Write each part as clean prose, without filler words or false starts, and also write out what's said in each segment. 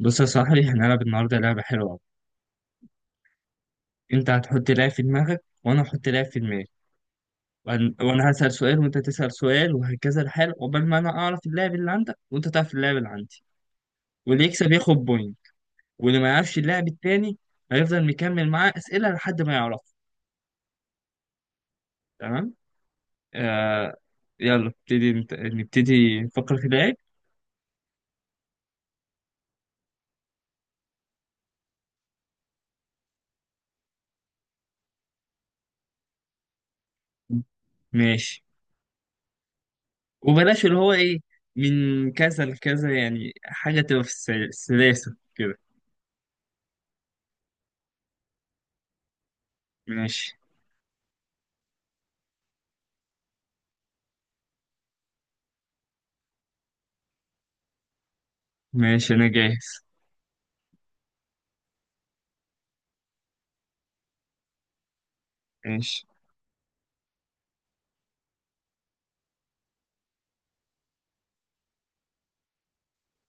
بص يا صاحبي، احنا هنلعب النهارده لعبة حلوة أوي. أنت هتحط لاعب في دماغك وأنا هحط لاعب في دماغي. وهن- وأنا هسأل سؤال وأنت تسأل سؤال وهكذا الحال عقبال ما أنا أعرف اللاعب اللي عندك وأنت تعرف اللاعب اللي عندي. واللي يكسب ياخد بوينت. واللي ما يعرفش اللاعب التاني هيفضل مكمل معاه أسئلة لحد ما يعرفه. تمام؟ آه. يلا نبتدي نبتدي نفكر في لاعب. ماشي. وبلاش اللي هو إيه من كذا لكذا، يعني حاجة تبقى في السلاسة كده. ماشي. ماشي أنا جاهز. ماشي.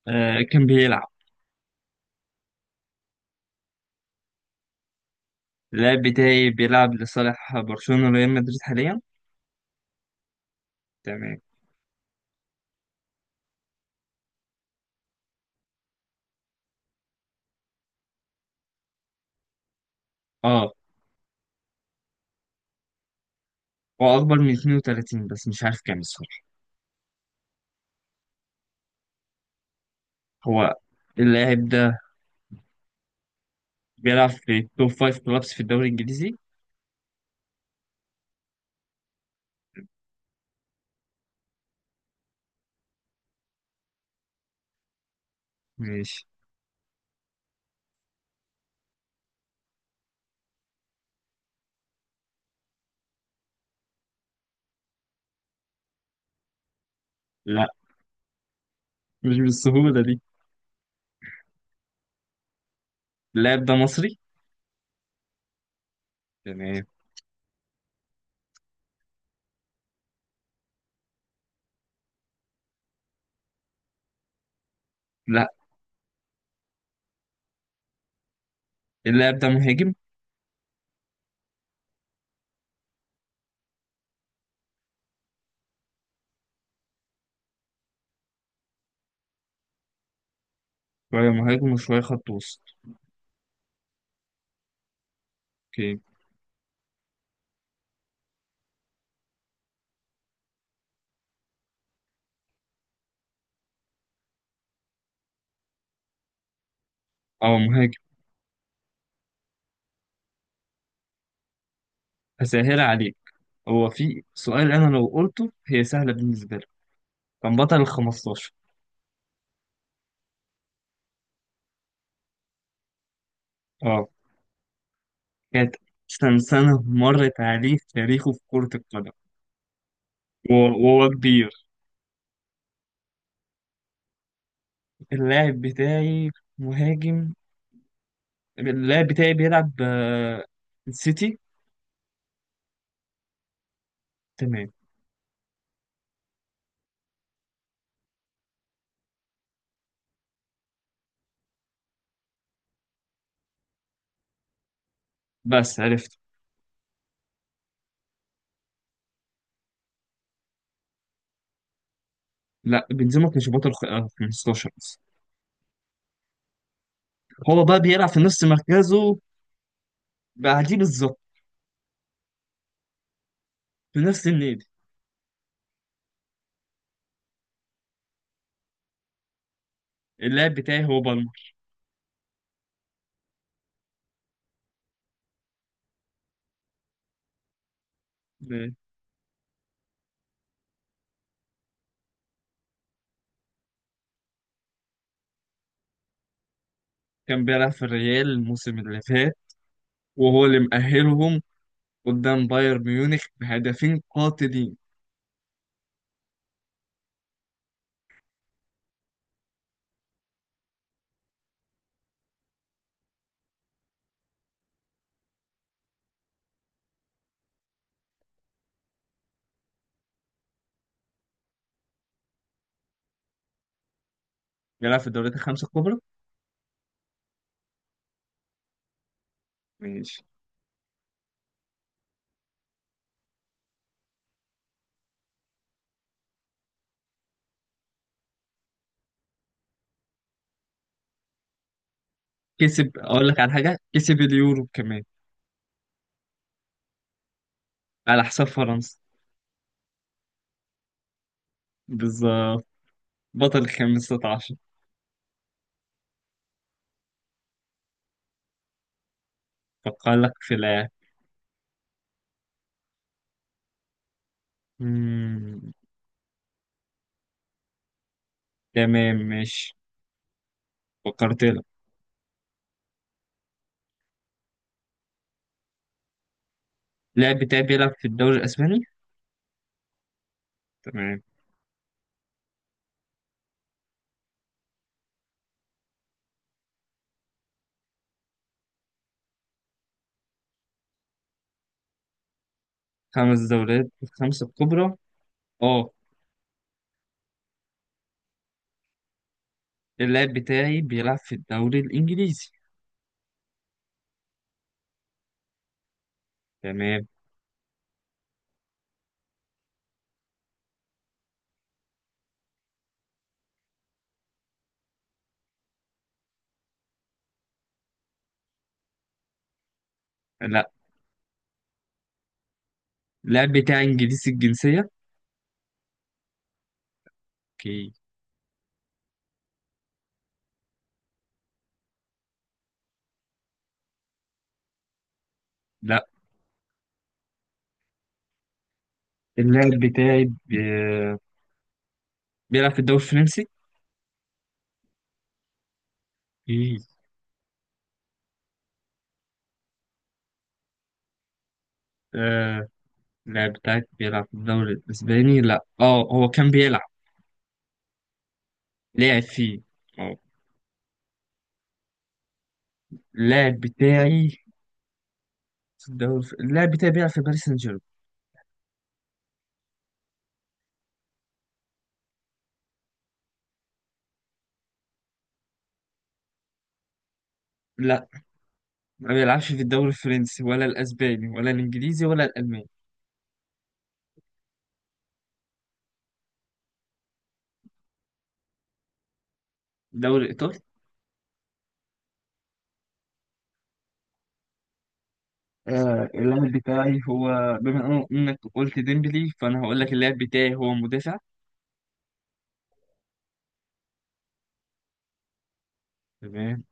آه، كان بيلعب. اللاعب بتاعي بيلعب لصالح برشلونة وريال مدريد حاليا. تمام. اه، هو أكبر من 32 بس مش عارف كام الصراحة. هو اللاعب ده بيلعب في توب 5 كلابس في الدوري الإنجليزي. ماشي. لا، مش بالسهولة دي. اللاعب ده مصري. تمام. لا، اللاعب ده مهاجم. شوية مهاجم وشوية خط وسط. اوكي. اه، مهاجم. هسهل عليك. هو في سؤال أنا لو قلته هي سهلة بالنسبة لك. كان بطل ال 15. كانت أحسن سنة مرت عليه في تاريخه في كرة القدم. وهو كبير. اللاعب بتاعي مهاجم. اللاعب بتاعي بيلعب السيتي. تمام. بس عرفت. لا، بنزيما كان شباط 15 بس. هو بقى بيلعب في نفس مركزه بعديه بالظبط في نفس النادي. اللاعب بتاعي هو بالمر. آه، كان بيلعب في الريال الموسم اللي فات وهو اللي مأهلهم قدام بايرن ميونخ بهدفين قاتلين. بيلعب في الدوريات الخمسة الكبرى. ماشي. كسب، اقول لك على حاجه، كسب اليورو كمان على حساب فرنسا. بالظبط. بطل 15. فكر لك في لاعب. مم، تمام ماشي. فكرت لك. اللاعب بتاعي بيلعب في الدوري الاسباني. تمام. خمس دوريات الخمسه الكبرى. اه. اللاعب بتاعي بيلعب في الدوري الانجليزي. تمام. لا. اللاعب بتاعي انجليزي الجنسيه. اوكي. لا. اللاعب بتاعي بيلعب في الدوري الفرنسي. اوكي. اللاعب بتاعك بيلعب في الدوري الإسباني؟ لا، اه هو كان بيلعب. لعب فيه. اه. اللاعب بتاعي في الدوري، اللاعب بتاعي بيلعب في باريس سان جيرمان. لا، ما بيلعبش في الدوري الفرنسي ولا الأسباني ولا الإنجليزي ولا الألماني. الدوري الإيطالي. آه، اللاعب بتاعي هو بما إنك قلت ديمبلي، فأنا هقول لك اللاعب بتاعي هو مدافع. تمام.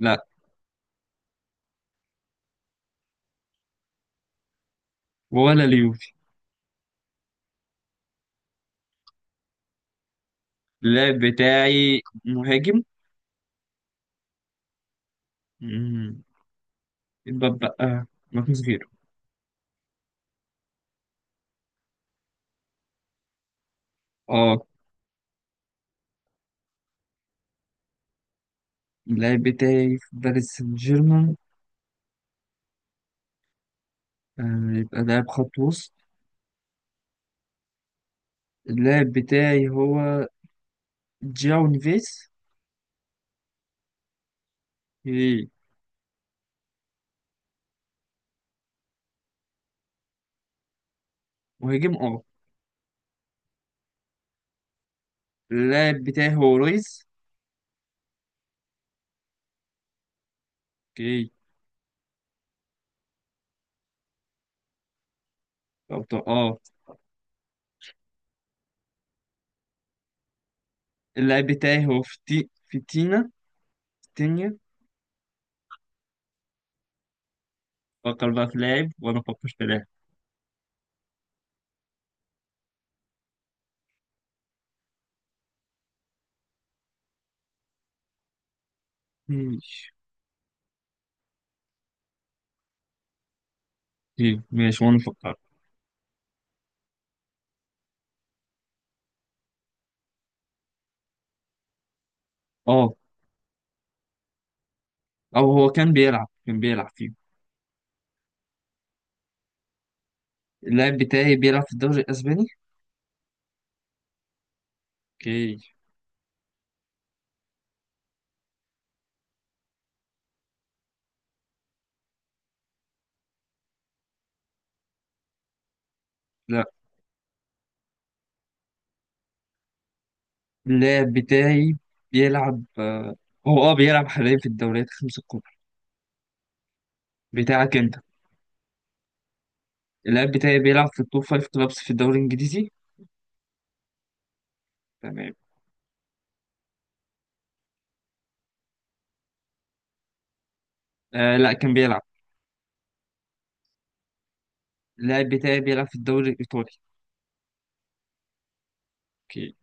لا، ولا اليوفي. اللاعب بتاعي مهاجم. مم، يبقى بقى ماركوس فيرو. اه. اللاعب بتاعي في باريس سان جيرمان، يبقى لاعب خط وسط. اللاعب بتاعي هو جاو نيفيس. اوكي. مهاجم اه. اللاعب بتاعي هو رويز. اوكي. أو اه. اللاعب بتاعي هو فتينا. فتينيا. فكر بقى في لاعب وانا افكر في لاعب. ماشي. اوكي ماشي، وانا افكر. اه. او هو كان بيلعب فيه. اللاعب بتاعي بيلعب في الدوري الاسباني. اوكي. لا. اللاعب بتاعي بيلعب هو اه بيلعب حاليا في الدوريات الخمس الكبرى. بتاعك انت. اللاعب بتاعي بيلعب في التوب فايف كلابس في الدوري الإنجليزي. تمام. آه لا، كان بيلعب. اللاعب بتاعي بيلعب في الدوري الإيطالي. أوكي.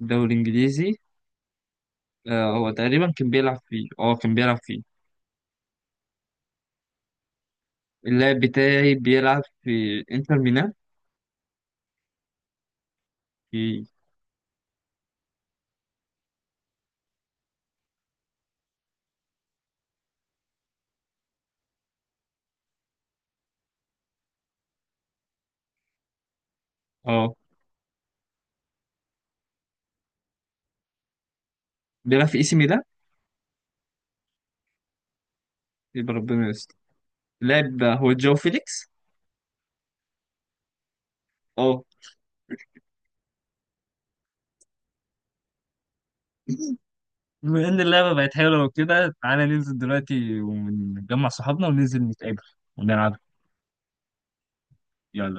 الدوري الإنجليزي. آه هو تقريبا كان بيلعب فيه، اه كان بيلعب فيه. اللاعب بتاعي بيلعب في إنتر ميلان. في اه بيلعب في إي سي ميلان. يبقى ربنا يستر. اللاعب هو جاو فيليكس. اه. بما إن اللعبة بقت حلوة وكده، تعالى ننزل دلوقتي ونجمع صحابنا وننزل نتقابل ونلعب. يلا.